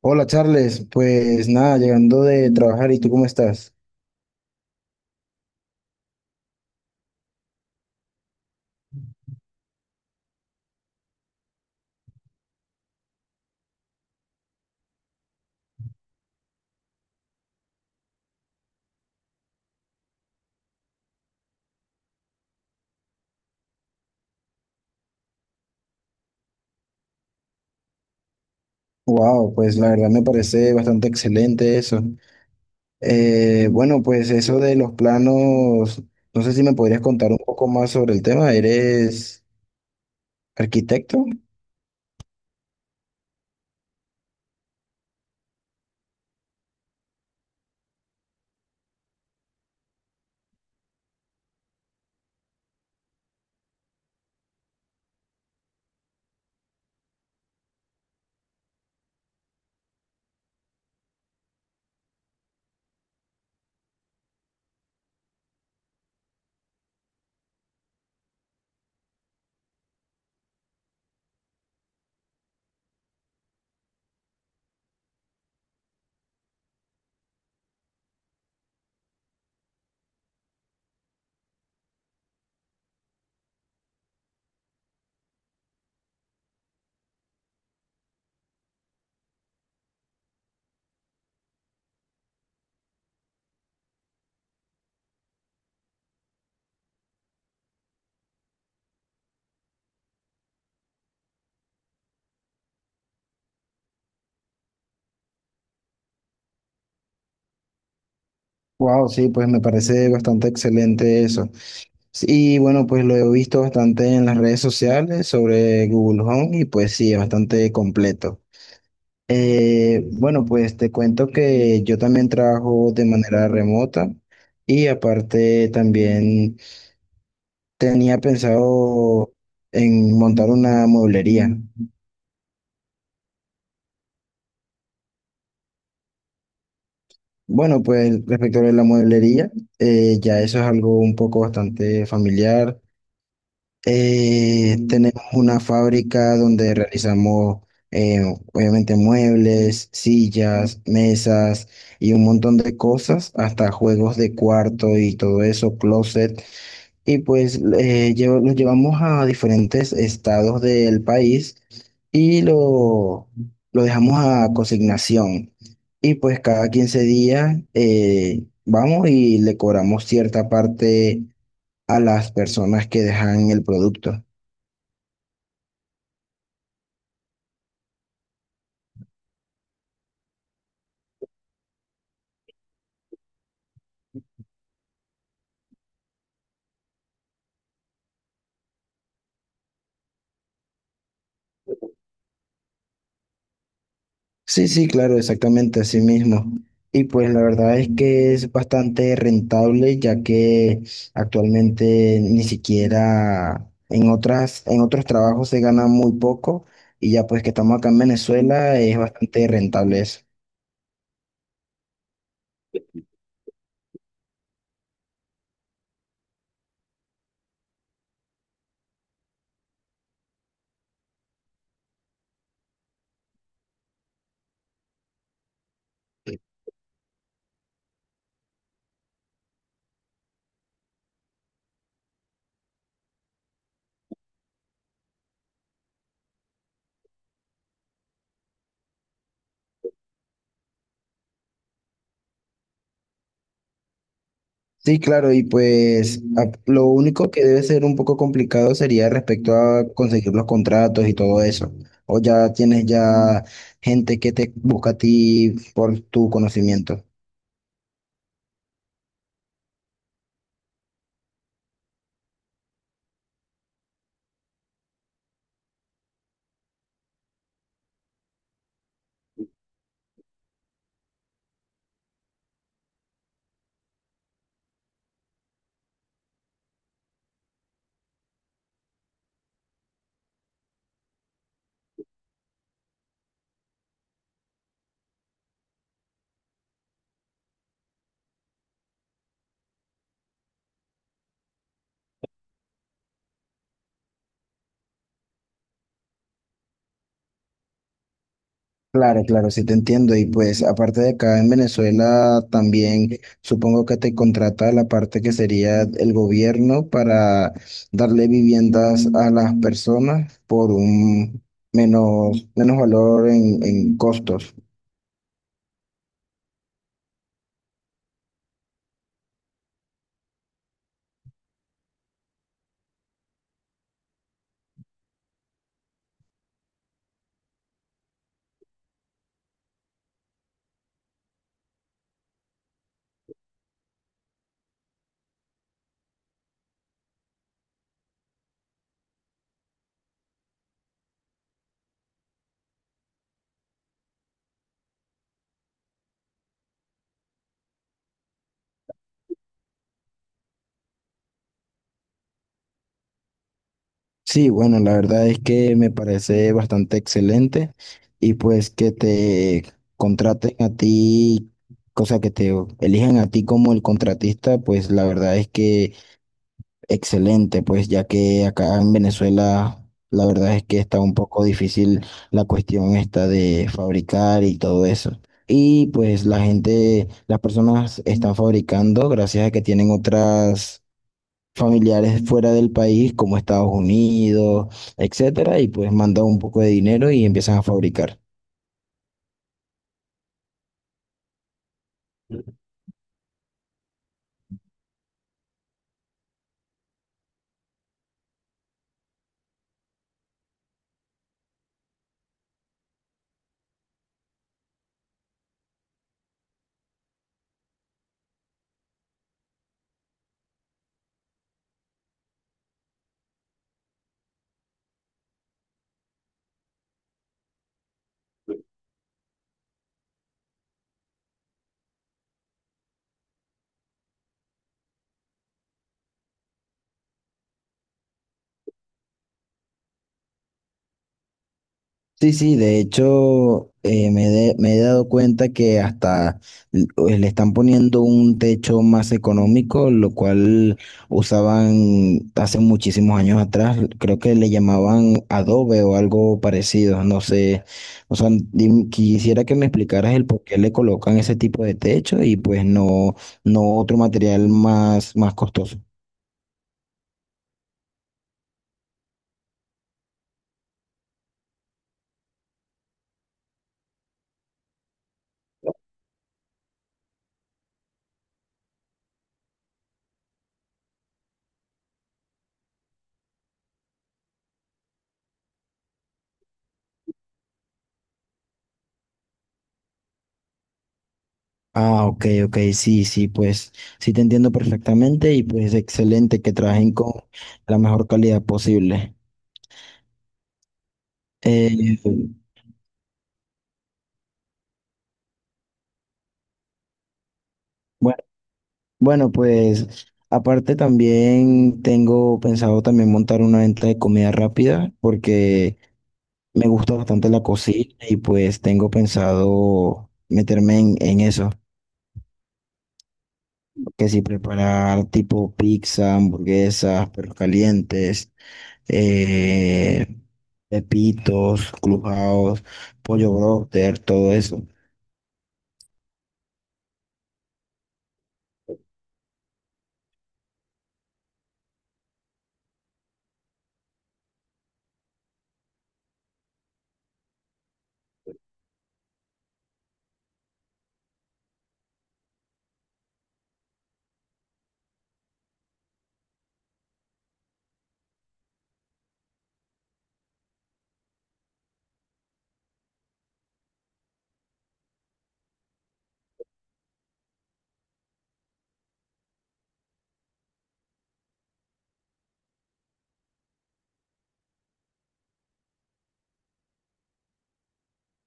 Hola Charles, pues nada, llegando de trabajar, ¿y tú cómo estás? Wow, pues la verdad me parece bastante excelente eso. Bueno, pues eso de los planos, no sé si me podrías contar un poco más sobre el tema. ¿Eres arquitecto? Wow, sí, pues me parece bastante excelente eso. Sí, y bueno, pues lo he visto bastante en las redes sociales sobre Google Home y pues sí, es bastante completo. Bueno, pues te cuento que yo también trabajo de manera remota y aparte también tenía pensado en montar una mueblería. Bueno, pues respecto a la mueblería, ya eso es algo un poco bastante familiar. Tenemos una fábrica donde realizamos, eh, obviamente, muebles, sillas, mesas y un montón de cosas, hasta juegos de cuarto y todo eso, closet. Y pues los llevamos a diferentes estados del país y lo dejamos a consignación. Y pues cada 15 días vamos y le cobramos cierta parte a las personas que dejan el producto. Sí, sí, claro, exactamente así mismo. Y pues la verdad es que es bastante rentable, ya que actualmente ni siquiera en otros trabajos se gana muy poco, y ya pues que estamos acá en Venezuela es bastante rentable eso. Sí, claro, y pues lo único que debe ser un poco complicado sería respecto a conseguir los contratos y todo eso. O ya tienes ya gente que te busca a ti por tu conocimiento. Claro, claro, sí te entiendo. Y pues aparte de acá en Venezuela, también supongo que te contrata la parte que sería el gobierno para darle viviendas a las personas por un menos valor en costos. Sí, bueno, la verdad es que me parece bastante excelente y pues que te contraten a ti, cosa que te elijan a ti como el contratista, pues la verdad es que... Excelente, pues ya que acá en Venezuela la verdad es que está un poco difícil la cuestión esta de fabricar y todo eso. Y pues la gente, las personas están fabricando gracias a que tienen otras familiares fuera del país como Estados Unidos, etcétera, y pues mandan un poco de dinero y empiezan a fabricar. Sí, sí, de hecho me he dado cuenta que hasta le están poniendo un techo más económico, lo cual usaban hace muchísimos años atrás, creo que le llamaban adobe o algo parecido, no sé, o sea, quisiera que me explicaras el por qué le colocan ese tipo de techo y pues no, no otro material más, más costoso. Ah, ok, ok, sí, sí, pues sí te entiendo perfectamente y pues excelente que trabajen con la mejor calidad posible. Eh, bueno, bueno, pues aparte también tengo pensado también montar una venta de comida rápida porque me gusta bastante la cocina y pues tengo pensado meterme en eso, que si preparar tipo pizza, hamburguesas, perros calientes. eh, Pepitos, Clubhouse, Pollo Broster, todo eso.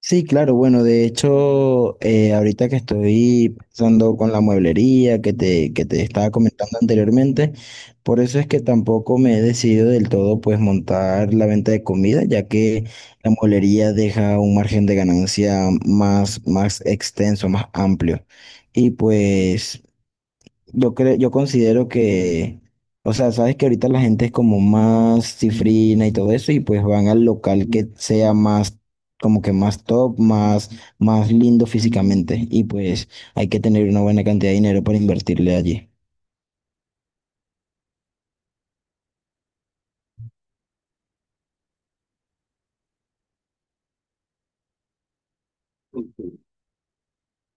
Sí, claro, bueno, de hecho, ahorita que estoy pensando con la mueblería que te estaba comentando anteriormente, por eso es que tampoco me he decidido del todo pues montar la venta de comida, ya que la mueblería deja un margen de ganancia más, más extenso, más amplio. Y pues yo creo, yo considero que, o sea, sabes que ahorita la gente es como más cifrina y todo eso, y pues van al local que sea más, como que más top, más, más lindo físicamente, y pues hay que tener una buena cantidad de dinero para invertirle allí.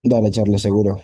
Dale, Charles, seguro.